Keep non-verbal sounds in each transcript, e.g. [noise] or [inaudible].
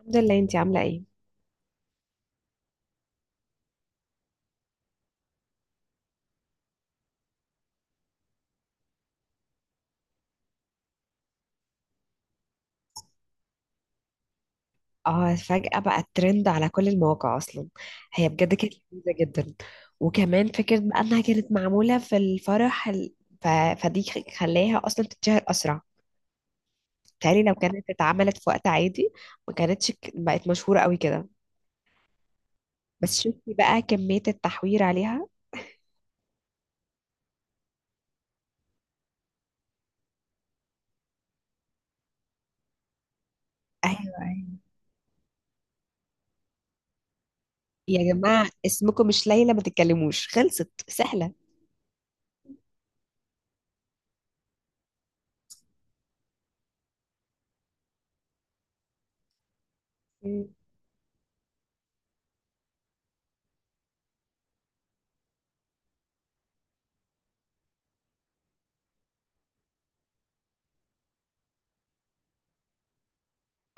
الحمد لله، انتي عاملة ايه؟ اه، فجأة بقى الترند على كل المواقع اصلا. هي بجد كانت لذيذة جدا. وكمان فكرة بقى انها كانت معمولة في الفرح ف... فدي خلاها اصلا تتشهر اسرع. تالي لو كانت اتعملت في وقت عادي ما كانتش بقت مشهورة قوي كده. بس شوفي بقى كمية التحوير عليها. ايوه، ايوه. يا جماعة، اسمكم مش ليلى ما تتكلموش، خلصت سهلة.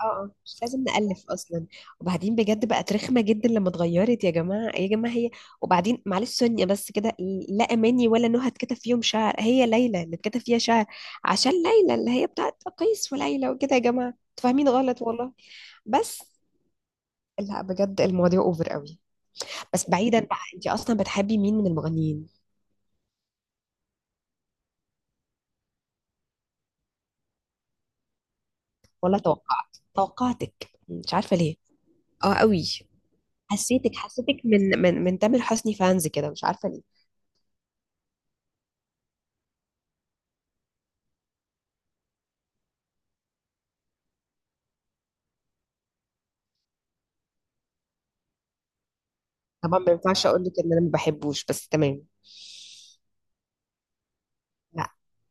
اه. مش لازم نألف اصلا. وبعدين بجد بقت رخمة جدا لما اتغيرت، يا جماعة، يا جماعة، هي. وبعدين معلش سونيا بس كده. لا اماني ولا نهى اتكتب فيهم شعر، هي ليلى اللي اتكتب فيها شعر. عشان ليلى اللي هي بتاعت قيس وليلى وكده، يا جماعة انتوا فاهمين غلط والله. بس لا، بجد المواضيع اوفر قوي. بس بعيدا بقى، انت اصلا بتحبي مين من المغنيين؟ ولا توقعتك، مش عارفة ليه. اه قوي. حسيتك من تامر حسني فانز كده، مش عارفة ليه. طبعا ما ينفعش اقول لك ان انا ما بحبوش، بس تمام. لا،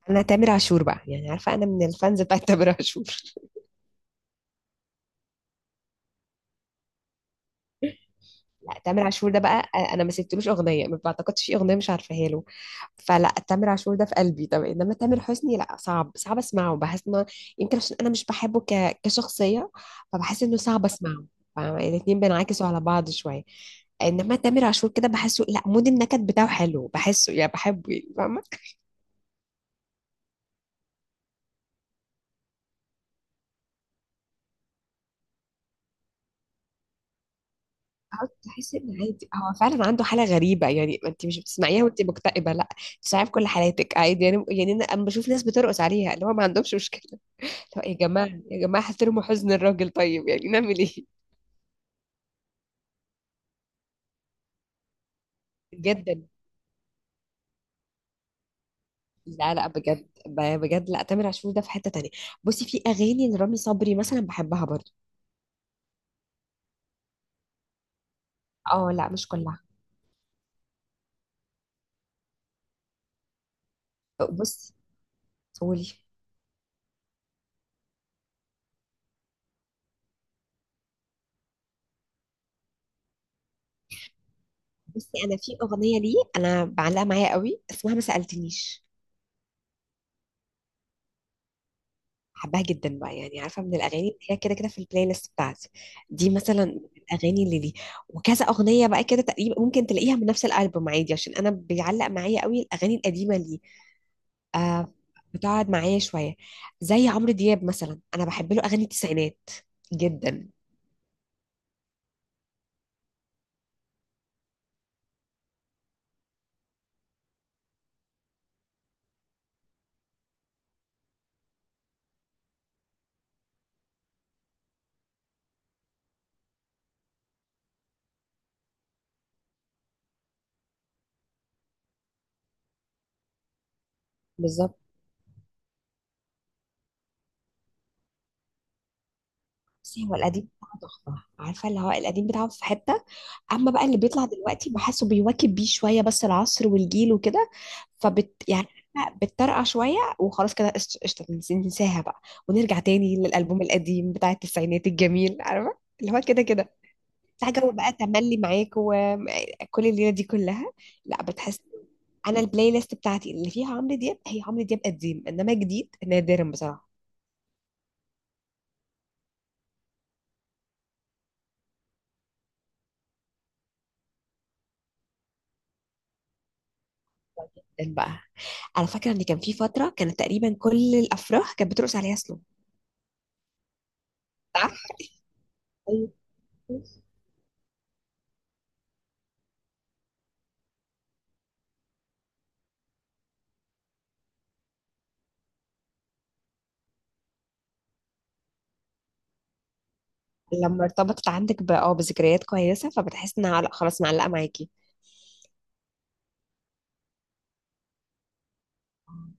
انا تامر عاشور بقى يعني، عارفه انا من الفانز بتاع تامر عاشور [laughs] لا، تامر عاشور ده بقى انا ما سبتلوش اغنيه، ما بعتقدش في اغنيه مش عارفاها له. فلا، تامر عاشور ده في قلبي. طب انما تامر حسني، لا، صعب صعب اسمعه، بحس انه يمكن عشان انا مش بحبه كشخصيه، فبحس انه صعب اسمعه. فالاتنين بينعكسوا على بعض شويه. انما تامر عاشور كده بحسه، لا، مود النكد بتاعه حلو، بحسه يعني، بحبه يعني، فاهمه. اه، تحس ان عادي، هو فعلا عنده حاله غريبه. يعني ما انت مش بتسمعيها وانت مكتئبه، لا، بتسمعيها في كل حالاتك عادي، يعني انا أما بشوف ناس بترقص عليها اللي هو ما عندهمش مشكله. لا يا جماعه، يا جماعه، احترموا حزن الراجل، طيب يعني نعمل ايه. جدا. لا لا، بجد بجد، لا، تامر عاشور ده في حته تانية. بصي، في اغاني لرامي صبري مثلا بحبها برضو. اه لا، مش كلها. بصي، قولي. بصي، انا في اغنيه ليه انا بعلقها معايا قوي، اسمها ما سالتنيش. بحبها جدا بقى، يعني عارفه، من الاغاني اللي هي كده كده في البلاي ليست بتاعتي. دي مثلا من الاغاني اللي دي. وكذا اغنيه بقى كده تقريبا ممكن تلاقيها من نفس الالبوم عادي، عشان انا بيعلق معايا قوي الاغاني القديمه اللي آه بتقعد معايا شويه. زي عمرو دياب مثلا، انا بحب له اغاني التسعينات جدا. بالظبط. بصي هو القديم بتاعه تحفة، عارفة، اللي هو القديم بتاعه في حتة. أما بقى اللي بيطلع دلوقتي بحسه بيواكب بيه شوية بس العصر والجيل وكده. يعني عارفة، بتطرقع شوية وخلاص كده، قشطة قشطة، ننساها بقى، ونرجع تاني للألبوم القديم بتاع التسعينات الجميل، عارفة، اللي هو كده كده، بتاع جو بقى تملي معاك وكل الليلة دي كلها. لا، بتحس. أنا البلاي ليست بتاعتي اللي فيها عمرو دياب هي عمرو دياب قديم، إنما جديد نادرا بصراحة. بقى انا فاكره ان كان في فتره كانت تقريبا كل الافراح كانت بترقص عليها سلو. صح. أيوة. لما ارتبطت عندك بذكريات كويسه، فبتحس انها لا خلاص معلقه معاكي.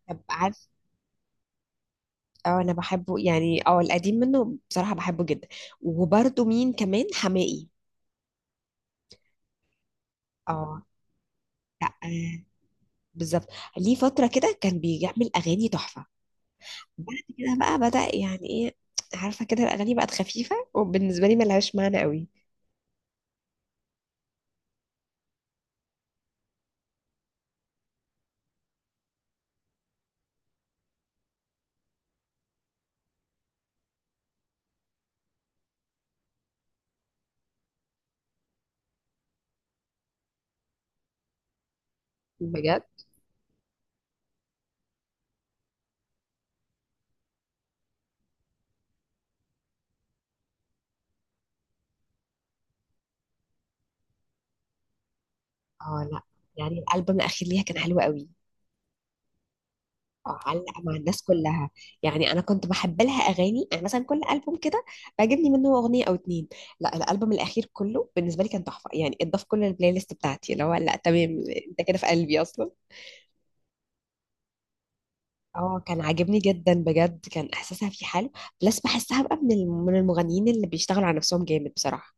طب عارف، اه انا بحبه يعني، اه القديم منه بصراحه بحبه جدا. وبرده مين كمان، حماقي. اه لا. بالظبط. ليه فتره كده كان بيعمل اغاني تحفه، بعد كده بقى بدأ يعني ايه، عارفه كده الاغاني بقت خفيفه وبالنسبه لي ملهاش معنى قوي. بجد. اه لا، يعني الالبوم الاخير ليها كان حلو قوي. اه، علق مع الناس كلها. يعني انا كنت بحب لها اغاني، يعني مثلا كل البوم كده بعجبني منه اغنيه او اتنين. لا الالبوم الاخير كله بالنسبه لي كان تحفه، يعني اتضاف كل البلاي ليست بتاعتي، اللي هو لا تمام، انت كده في قلبي اصلا. اه، كان عاجبني جدا، بجد كان احساسها فيه حلو. بلس بحسها بقى من المغنيين اللي بيشتغلوا على نفسهم جامد بصراحه.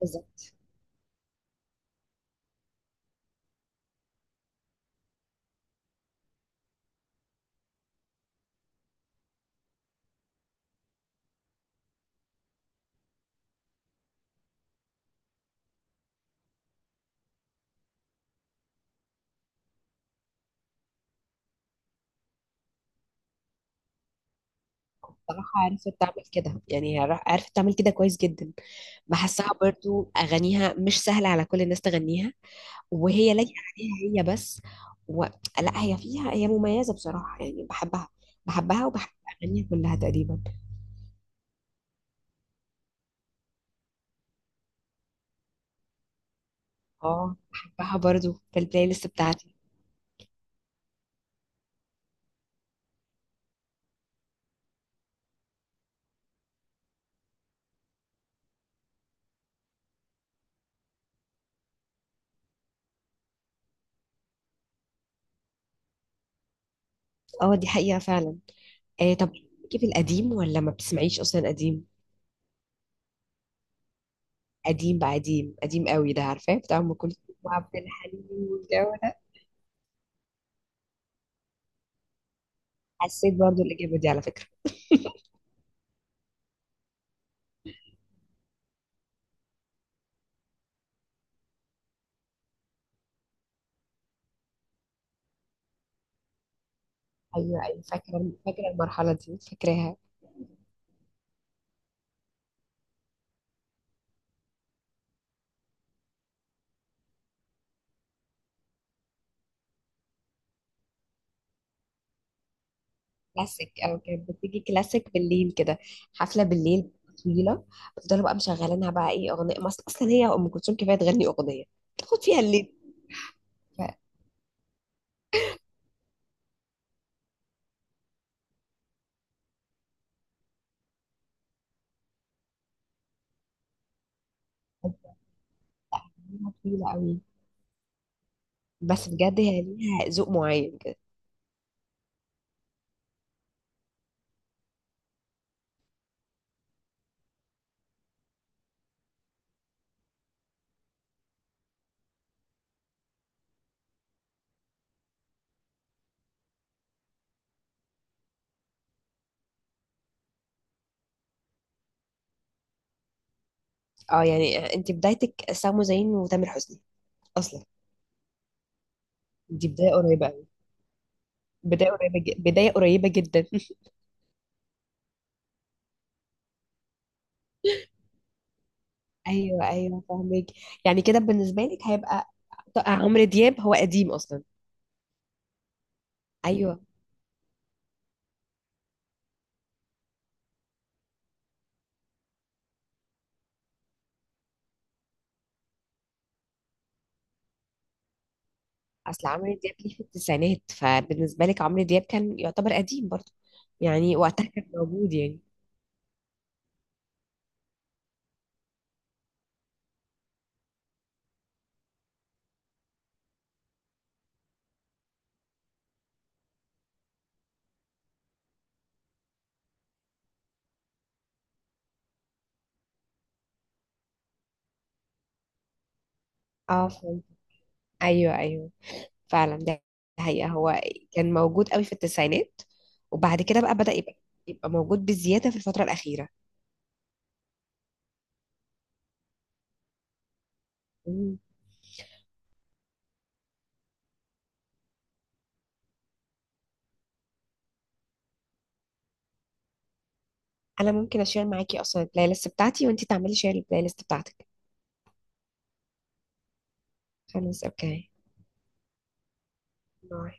بالظبط. بصراحه عرفت تعمل كده، يعني هي عرفت تعمل كده كويس جدا. بحسها برضو اغانيها مش سهله على كل الناس تغنيها، وهي لايقه عليها هي بس. و... لا، هي فيها، هي مميزه بصراحه يعني. بحبها وبحب اغانيها كلها تقريبا. اه بحبها برضو في البلاي ليست بتاعتي. اه دي حقيقه فعلا. طب كيف القديم، ولا ما بتسمعيش اصلا قديم؟ قديم بقى، قديم قديم قوي ده، عارفاه، بتاع ام كلثوم وعبد الحليم والجو ده. حسيت برضو الاجابه دي على فكره. ايوه ايوه، فاكره فاكره المرحله دي، فاكراها. كلاسيك، او كانت بتيجي كلاسيك بالليل كده، حفله بالليل طويله. بفضلوا بقى مشغلينها بقى، ايه اغنيه، ما اصلا هي ام كلثوم كفايه تغني اغنيه تاخد فيها الليل. فكانت أغنية طويله قوي، بس بجد هي ليها ذوق معين كده. اه يعني انت بدايتك سامو زين وتامر حسني اصلا. دي بدايه قريبه قوي. بدايه قريبه جدا [laughs] ايوه ايوه، فاهمك. يعني كده بالنسبه لك هيبقى، عمرو دياب هو قديم اصلا. ايوه، اصل عمرو دياب ليه في التسعينات، فبالنسبه لك عمرو دياب كان يعتبر قديم برضه، يعني وقتها كان موجود يعني. اه، فهمت. ايوه ايوه، فعلا ده حقيقة، هو كان موجود قوي في التسعينات، وبعد كده بقى بدأ يبقى موجود بزياده في الفتره الاخيره. مم. انا ممكن اشير معاكي اصلا البلاي ليست بتاعتي، وانتي تعملي شير البلاي ليست بتاعتك. خلاص، اوكي، باي.